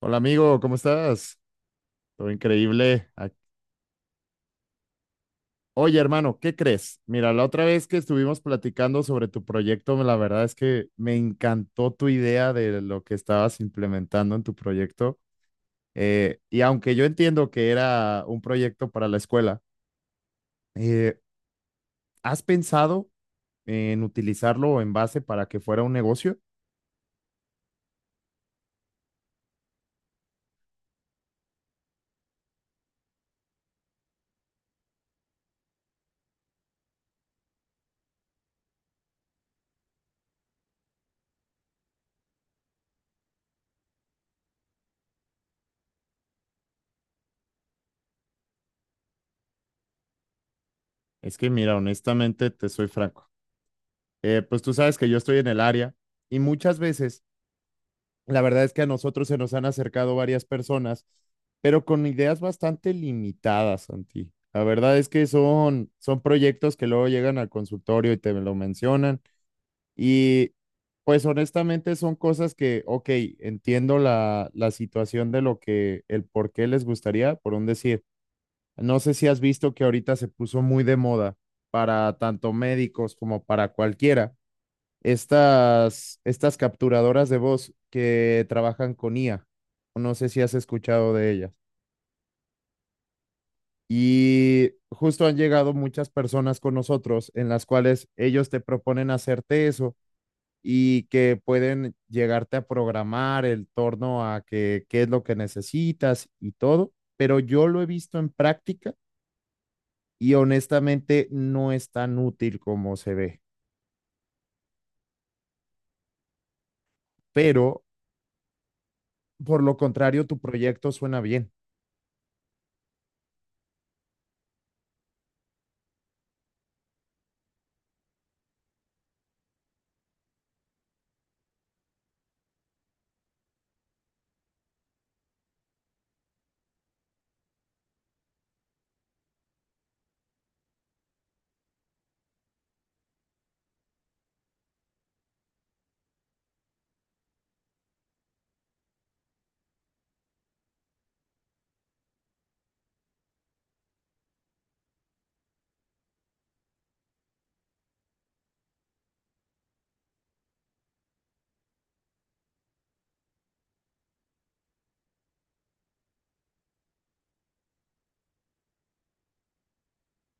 Hola amigo, ¿cómo estás? Todo increíble. Ac- Oye hermano, ¿qué crees? Mira, la otra vez que estuvimos platicando sobre tu proyecto, la verdad es que me encantó tu idea de lo que estabas implementando en tu proyecto. Y aunque yo entiendo que era un proyecto para la escuela, eh, ¿has pensado en utilizarlo en base para que fuera un negocio? Es que mira, honestamente te soy franco. Pues tú sabes que yo estoy en el área y muchas veces la verdad es que a nosotros se nos han acercado varias personas, pero con ideas bastante limitadas, Santi. La verdad es que son proyectos que luego llegan al consultorio y te lo mencionan. Y pues honestamente son cosas que, ok, entiendo la situación de lo que, el por qué les gustaría, por un decir. No sé si has visto que ahorita se puso muy de moda para tanto médicos como para cualquiera estas capturadoras de voz que trabajan con IA. No sé si has escuchado de ellas. Y justo han llegado muchas personas con nosotros en las cuales ellos te proponen hacerte eso y que pueden llegarte a programar el torno a que, qué es lo que necesitas y todo. Pero yo lo he visto en práctica y honestamente no es tan útil como se ve. Pero por lo contrario, tu proyecto suena bien.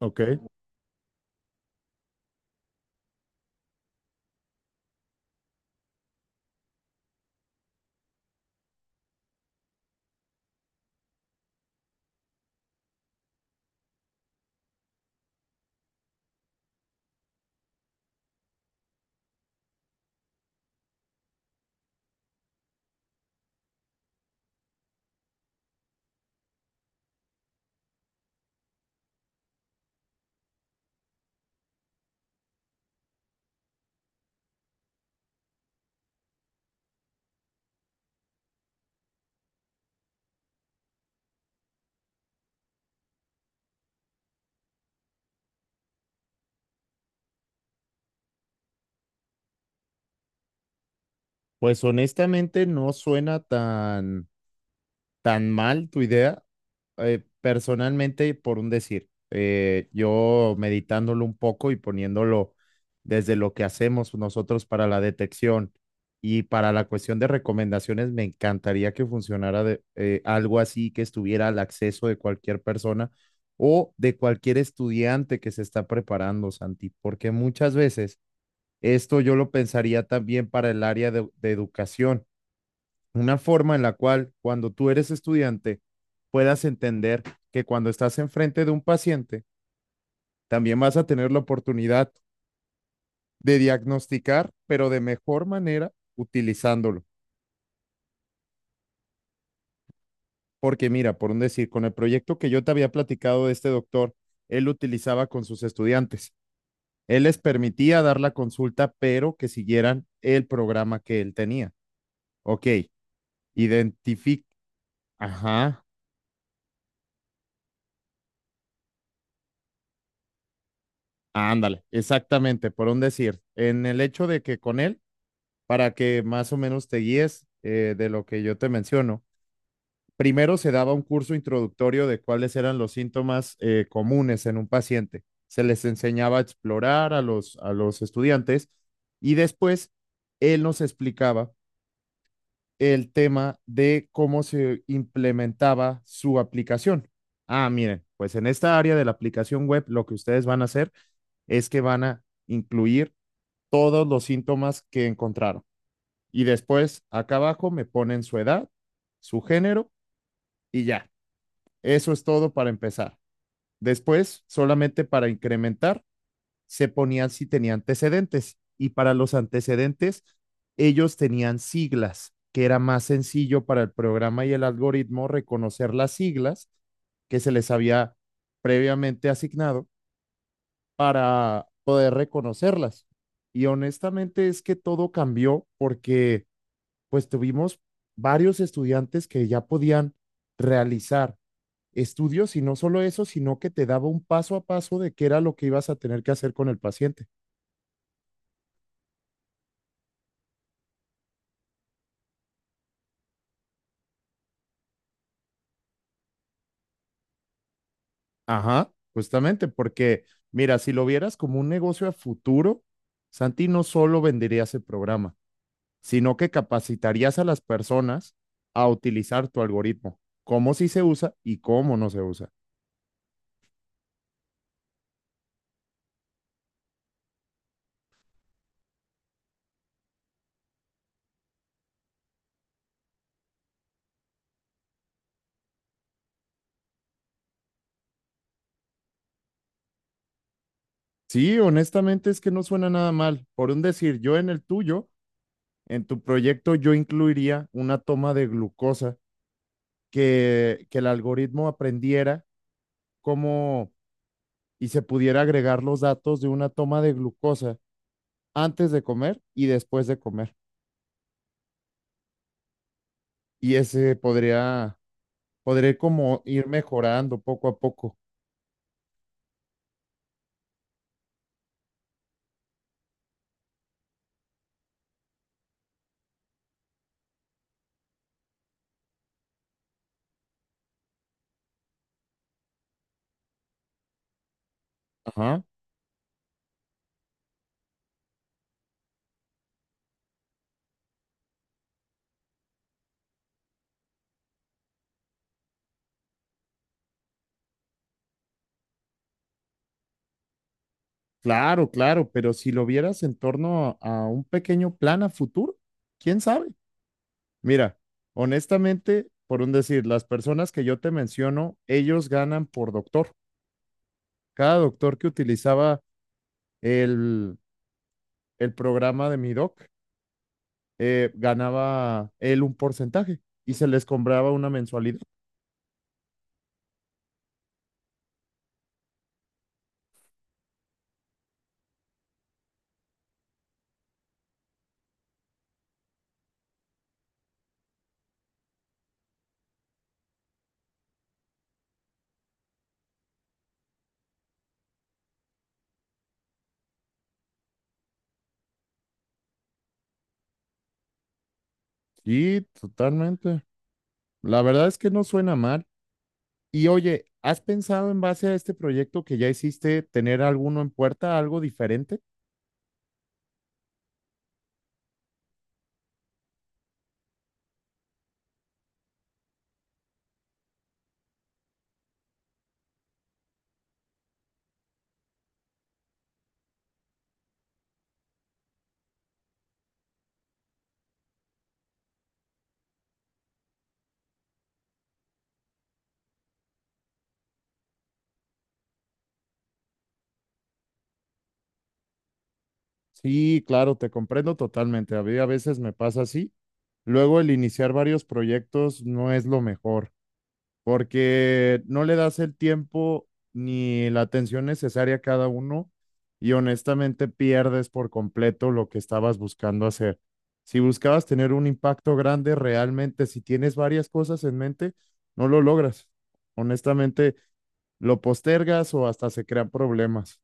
Ok. Pues honestamente no suena tan mal tu idea. Personalmente, por un decir, yo meditándolo un poco y poniéndolo desde lo que hacemos nosotros para la detección y para la cuestión de recomendaciones, me encantaría que funcionara de, algo así, que estuviera al acceso de cualquier persona o de cualquier estudiante que se está preparando, Santi, porque muchas veces esto yo lo pensaría también para el área de educación, una forma en la cual cuando tú eres estudiante puedas entender que cuando estás enfrente de un paciente, también vas a tener la oportunidad de diagnosticar, pero de mejor manera utilizándolo. Porque mira, por un decir, con el proyecto que yo te había platicado de este doctor, él utilizaba con sus estudiantes. Él les permitía dar la consulta, pero que siguieran el programa que él tenía. Ok, identifica. Ajá, ándale, exactamente, por un decir. En el hecho de que con él, para que más o menos te guíes, de lo que yo te menciono. Primero se daba un curso introductorio de cuáles eran los síntomas, comunes en un paciente. Se les enseñaba a explorar a los estudiantes y después él nos explicaba el tema de cómo se implementaba su aplicación. Ah, miren, pues en esta área de la aplicación web lo que ustedes van a hacer es que van a incluir todos los síntomas que encontraron. Y después, acá abajo, me ponen su edad, su género y ya. Eso es todo para empezar. Después, solamente para incrementar, se ponían si tenía antecedentes. Y para los antecedentes, ellos tenían siglas, que era más sencillo para el programa y el algoritmo reconocer las siglas que se les había previamente asignado para poder reconocerlas. Y honestamente es que todo cambió porque pues tuvimos varios estudiantes que ya podían realizar estudios y no solo eso, sino que te daba un paso a paso de qué era lo que ibas a tener que hacer con el paciente. Ajá, justamente, porque mira, si lo vieras como un negocio a futuro, Santi no solo vendería ese programa, sino que capacitarías a las personas a utilizar tu algoritmo, cómo sí se usa y cómo no se usa. Sí, honestamente es que no suena nada mal. Por un decir, yo en el tuyo, en tu proyecto, yo incluiría una toma de glucosa que el algoritmo aprendiera cómo, y se pudiera agregar los datos de una toma de glucosa antes de comer y después de comer. Y ese podría como ir mejorando poco a poco. Ajá. Claro, claro, pero si lo vieras en torno a un pequeño plan a futuro, ¿quién sabe? Mira, honestamente, por un decir, las personas que yo te menciono, ellos ganan por doctor. Cada doctor que utilizaba el, el programa de mi doc, ganaba él un porcentaje y se les cobraba una mensualidad. Sí, totalmente. La verdad es que no suena mal. Y oye, ¿has pensado en base a este proyecto que ya hiciste tener alguno en puerta, algo diferente? Sí, claro, te comprendo totalmente. A mí a veces me pasa así. Luego el iniciar varios proyectos no es lo mejor, porque no le das el tiempo ni la atención necesaria a cada uno y honestamente pierdes por completo lo que estabas buscando hacer. Si buscabas tener un impacto grande, realmente, si tienes varias cosas en mente, no lo logras. Honestamente, lo postergas o hasta se crean problemas.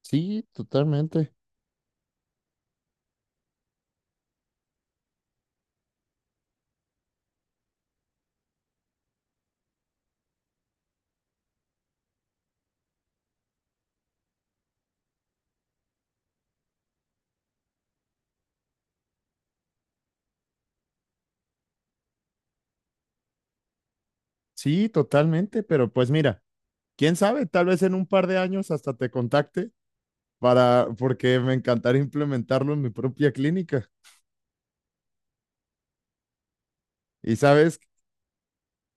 Sí, totalmente. Sí, totalmente, pero pues mira, quién sabe, tal vez en un par de años hasta te contacte para, porque me encantaría implementarlo en mi propia clínica. Y sabes,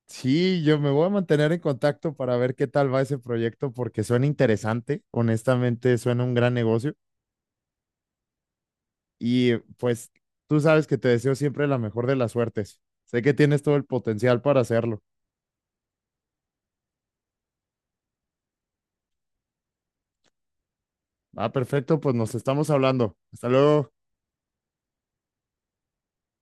sí, yo me voy a mantener en contacto para ver qué tal va ese proyecto porque suena interesante, honestamente suena un gran negocio y pues tú sabes que te deseo siempre la mejor de las suertes. Sé que tienes todo el potencial para hacerlo. Ah, perfecto, pues nos estamos hablando. Hasta luego.